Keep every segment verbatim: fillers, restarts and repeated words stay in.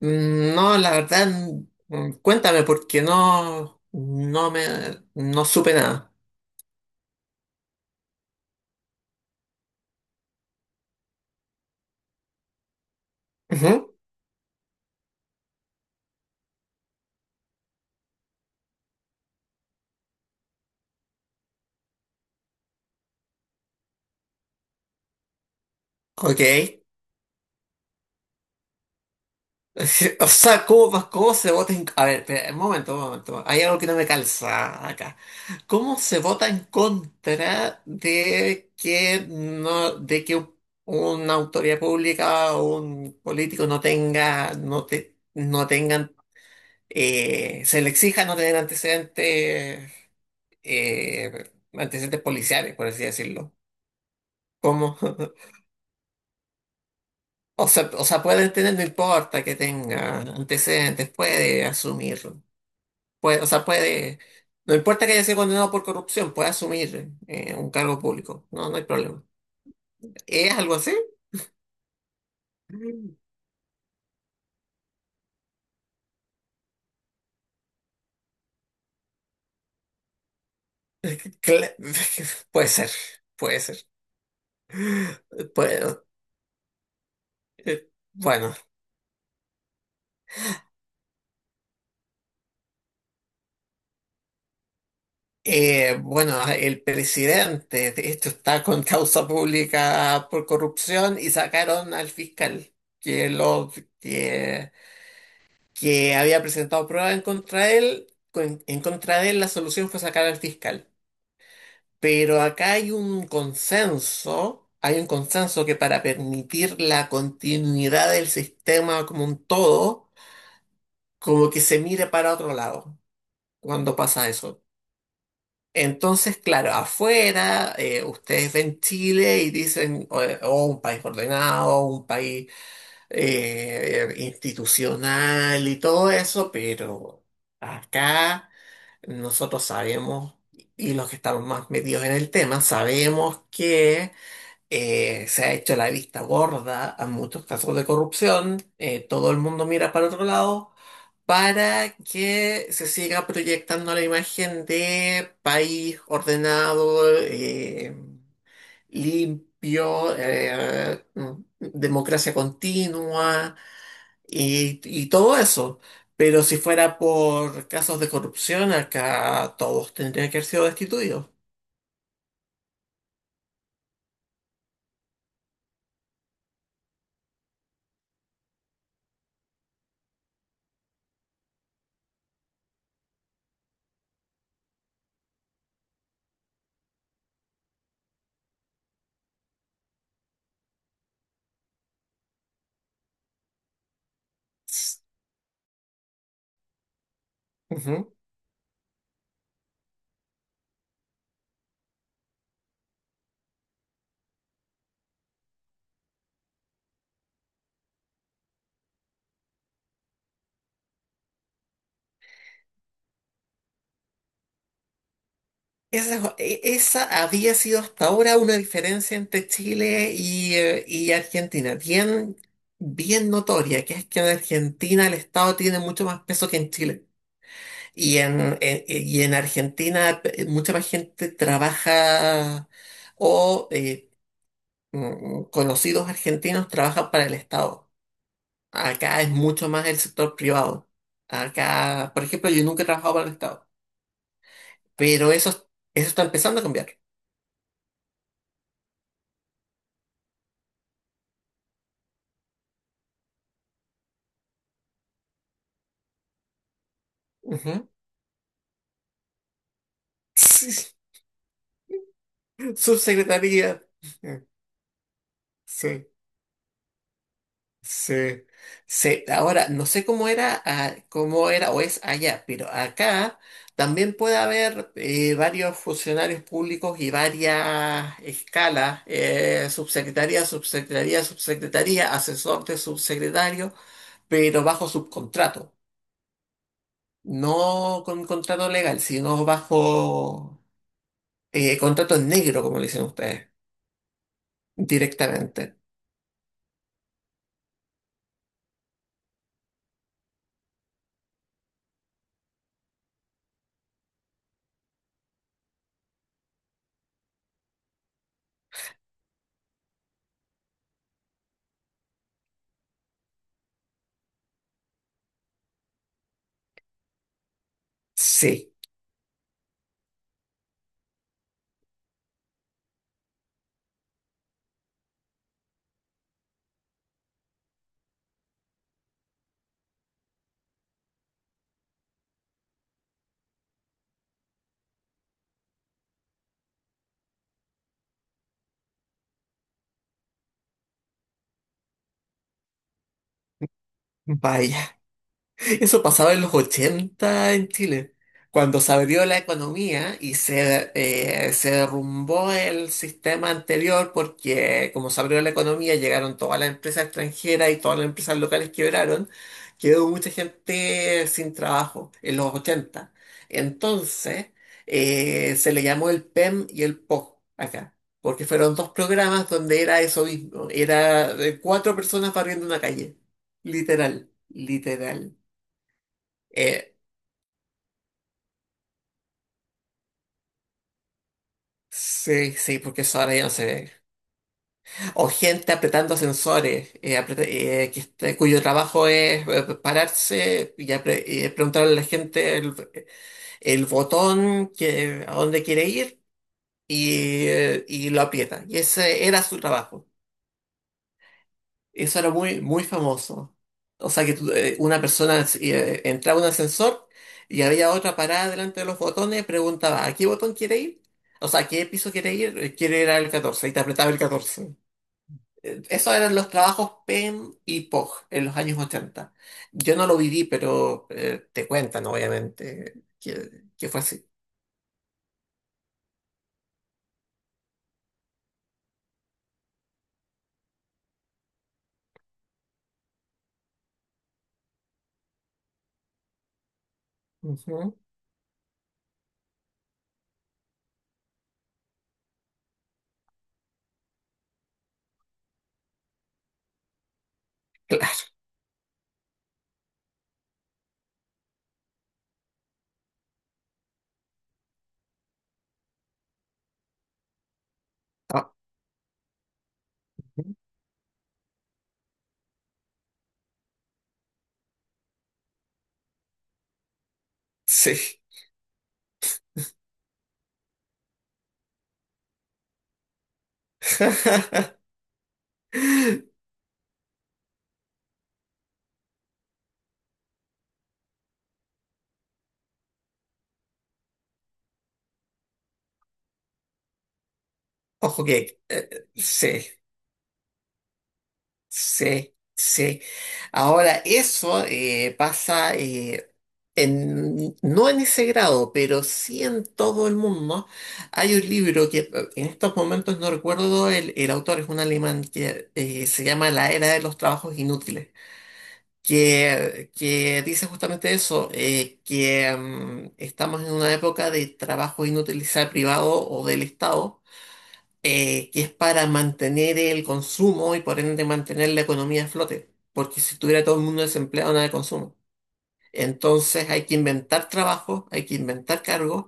Mm, No, la verdad, mm, cuéntame porque no, no me, no supe nada. Ujú. Ok. O sea, ¿cómo, va- ¿cómo se vota en... A ver, espera, un momento, un momento. Hay algo que no me calza acá. ¿Cómo se vota en contra de que no, de que un- una autoridad pública o un político no tenga, no te, no tengan, eh, se le exija no tener antecedentes, eh, antecedentes policiales, por así decirlo. ¿Cómo? O sea, o sea, puede tener, no importa que tenga antecedentes, puede asumir, puede, o sea, puede, no importa que haya sido condenado por corrupción, puede asumir eh, un cargo público, no, no hay problema. ¿Es algo así? Cla- puede ser, puede ser. Puede- eh, bueno. Eh, bueno, el presidente, de hecho, está con causa pública por corrupción y sacaron al fiscal que, lo, que, que había presentado pruebas en contra de él. con- En contra de él, la solución fue sacar al fiscal. Pero acá hay un consenso, hay un consenso que para permitir la continuidad del sistema como un todo, como que se mire para otro lado cuando pasa eso. Entonces, claro, afuera, eh, ustedes ven Chile y dicen, o- oh, un país ordenado, un país eh, institucional y todo eso, pero acá nosotros sabemos, y los que estamos más metidos en el tema, sabemos que eh, se ha hecho la vista gorda a muchos casos de corrupción. Eh, todo el mundo mira para otro lado para que se siga proyectando la imagen de país ordenado, eh, limpio, eh, mm, democracia continua y, y todo eso. Pero si fuera por casos de corrupción, acá todos tendrían que haber sido destituidos. Ujú. Esa, e- esa había sido hasta ahora una diferencia entre Chile y, eh, y Argentina, bien, bien notoria, que es que en Argentina el Estado tiene mucho más peso que en Chile. Y en, en- eh, y en Argentina eh, mucha más gente trabaja o eh, mm, conocidos argentinos trabajan para el Estado. Acá es mucho más el sector privado. Acá, por ejemplo, yo nunca he trabajado para el Estado, pero eso, eso está empezando a cambiar. Ujú. Sí. Subsecretaría. Eh, Sí, sí, sí. Ahora, no sé cómo era, ah, cómo era o es allá, pero acá también puede haber eh, varios funcionarios públicos y varias escalas, eh, subsecretaría, subsecretaría, subsecretaría, asesor de subsecretario, pero bajo subcontrato, no con contrato legal, sino bajo eh, contrato en negro, como le dicen ustedes, directamente. Sí, vaya. Eso pasaba en los ochenta en Chile, cuando se abrió la economía y se, eh, se derrumbó el sistema anterior porque como se abrió la economía llegaron todas las empresas extranjeras y todas las empresas locales quebraron, quedó mucha gente sin trabajo en los ochenta. Entonces eh, se le llamó el P E M y el P O G acá. Porque fueron dos programas donde era eso mismo, era de cuatro personas barriendo una calle. Literal, literal. Eh, sí, sí, porque eso ahora ya no se ve. O gente apretando sensores, eh, apreta- eh, que este- cuyo trabajo es eh, pararse y apre- eh, preguntarle a la gente el, el botón que, a dónde quiere ir y, eh, y lo aprieta. Y ese era su trabajo. Eso era muy, muy famoso. O sea que tú, eh, una persona eh, entraba a un ascensor y había otra parada delante de los botones, preguntaba, ¿a qué botón quiere ir? O sea, ¿a qué piso quiere ir? Eh, Quiere ir al catorce y te apretaba el catorce. Eh, Esos eran los trabajos P E M y P O G en los años ochenta. Yo no lo viví, pero eh, te cuentan, obviamente, que, que fue así. Ujú. Claro. Ah, sí. Ojo que, eh, sí. Sí, sí. Ahora, eso eh, pasa, eh, en, no en ese grado, pero sí en todo el mundo. Hay un libro que, eh, en estos momentos no recuerdo, el, el autor es un alemán que eh, se llama La Era de los Trabajos Inútiles, que, que dice justamente eso, eh, que mm, estamos en una época de trabajo inútil, sea privado o del Estado, eh, que es para mantener el consumo y por ende mantener la economía a flote, porque si estuviera todo el mundo desempleado, nada de consumo. Entonces hay que inventar trabajo, hay que inventar cargos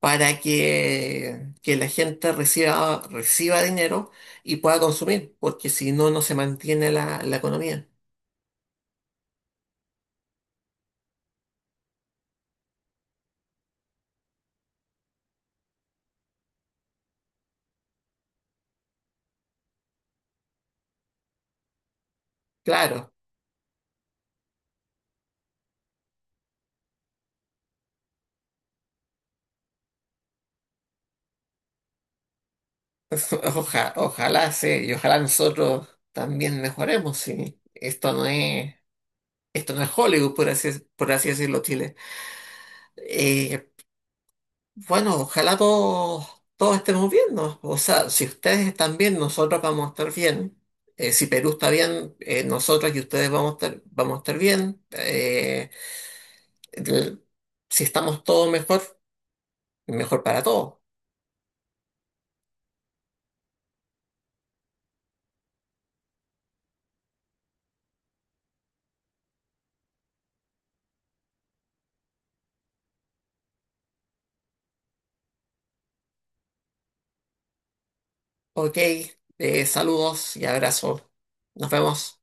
para que, que la gente reciba, reciba dinero y pueda consumir, porque si no, no se mantiene la, la economía. Claro, oja- ojalá se y ojalá nosotros también mejoremos, sí. Esto no es, esto no es Hollywood, por así, por así decirlo, Chile. Eh, bueno, ojalá todos, todos estemos bien, ¿no? O sea, si ustedes están bien, nosotros vamos a estar bien. Eh, si Perú está bien, eh, nosotros y ustedes vamos a estar, vamos a estar bien. Eh, el- si estamos todos mejor, mejor para todos. Ok, eh, saludos y abrazos. Nos vemos.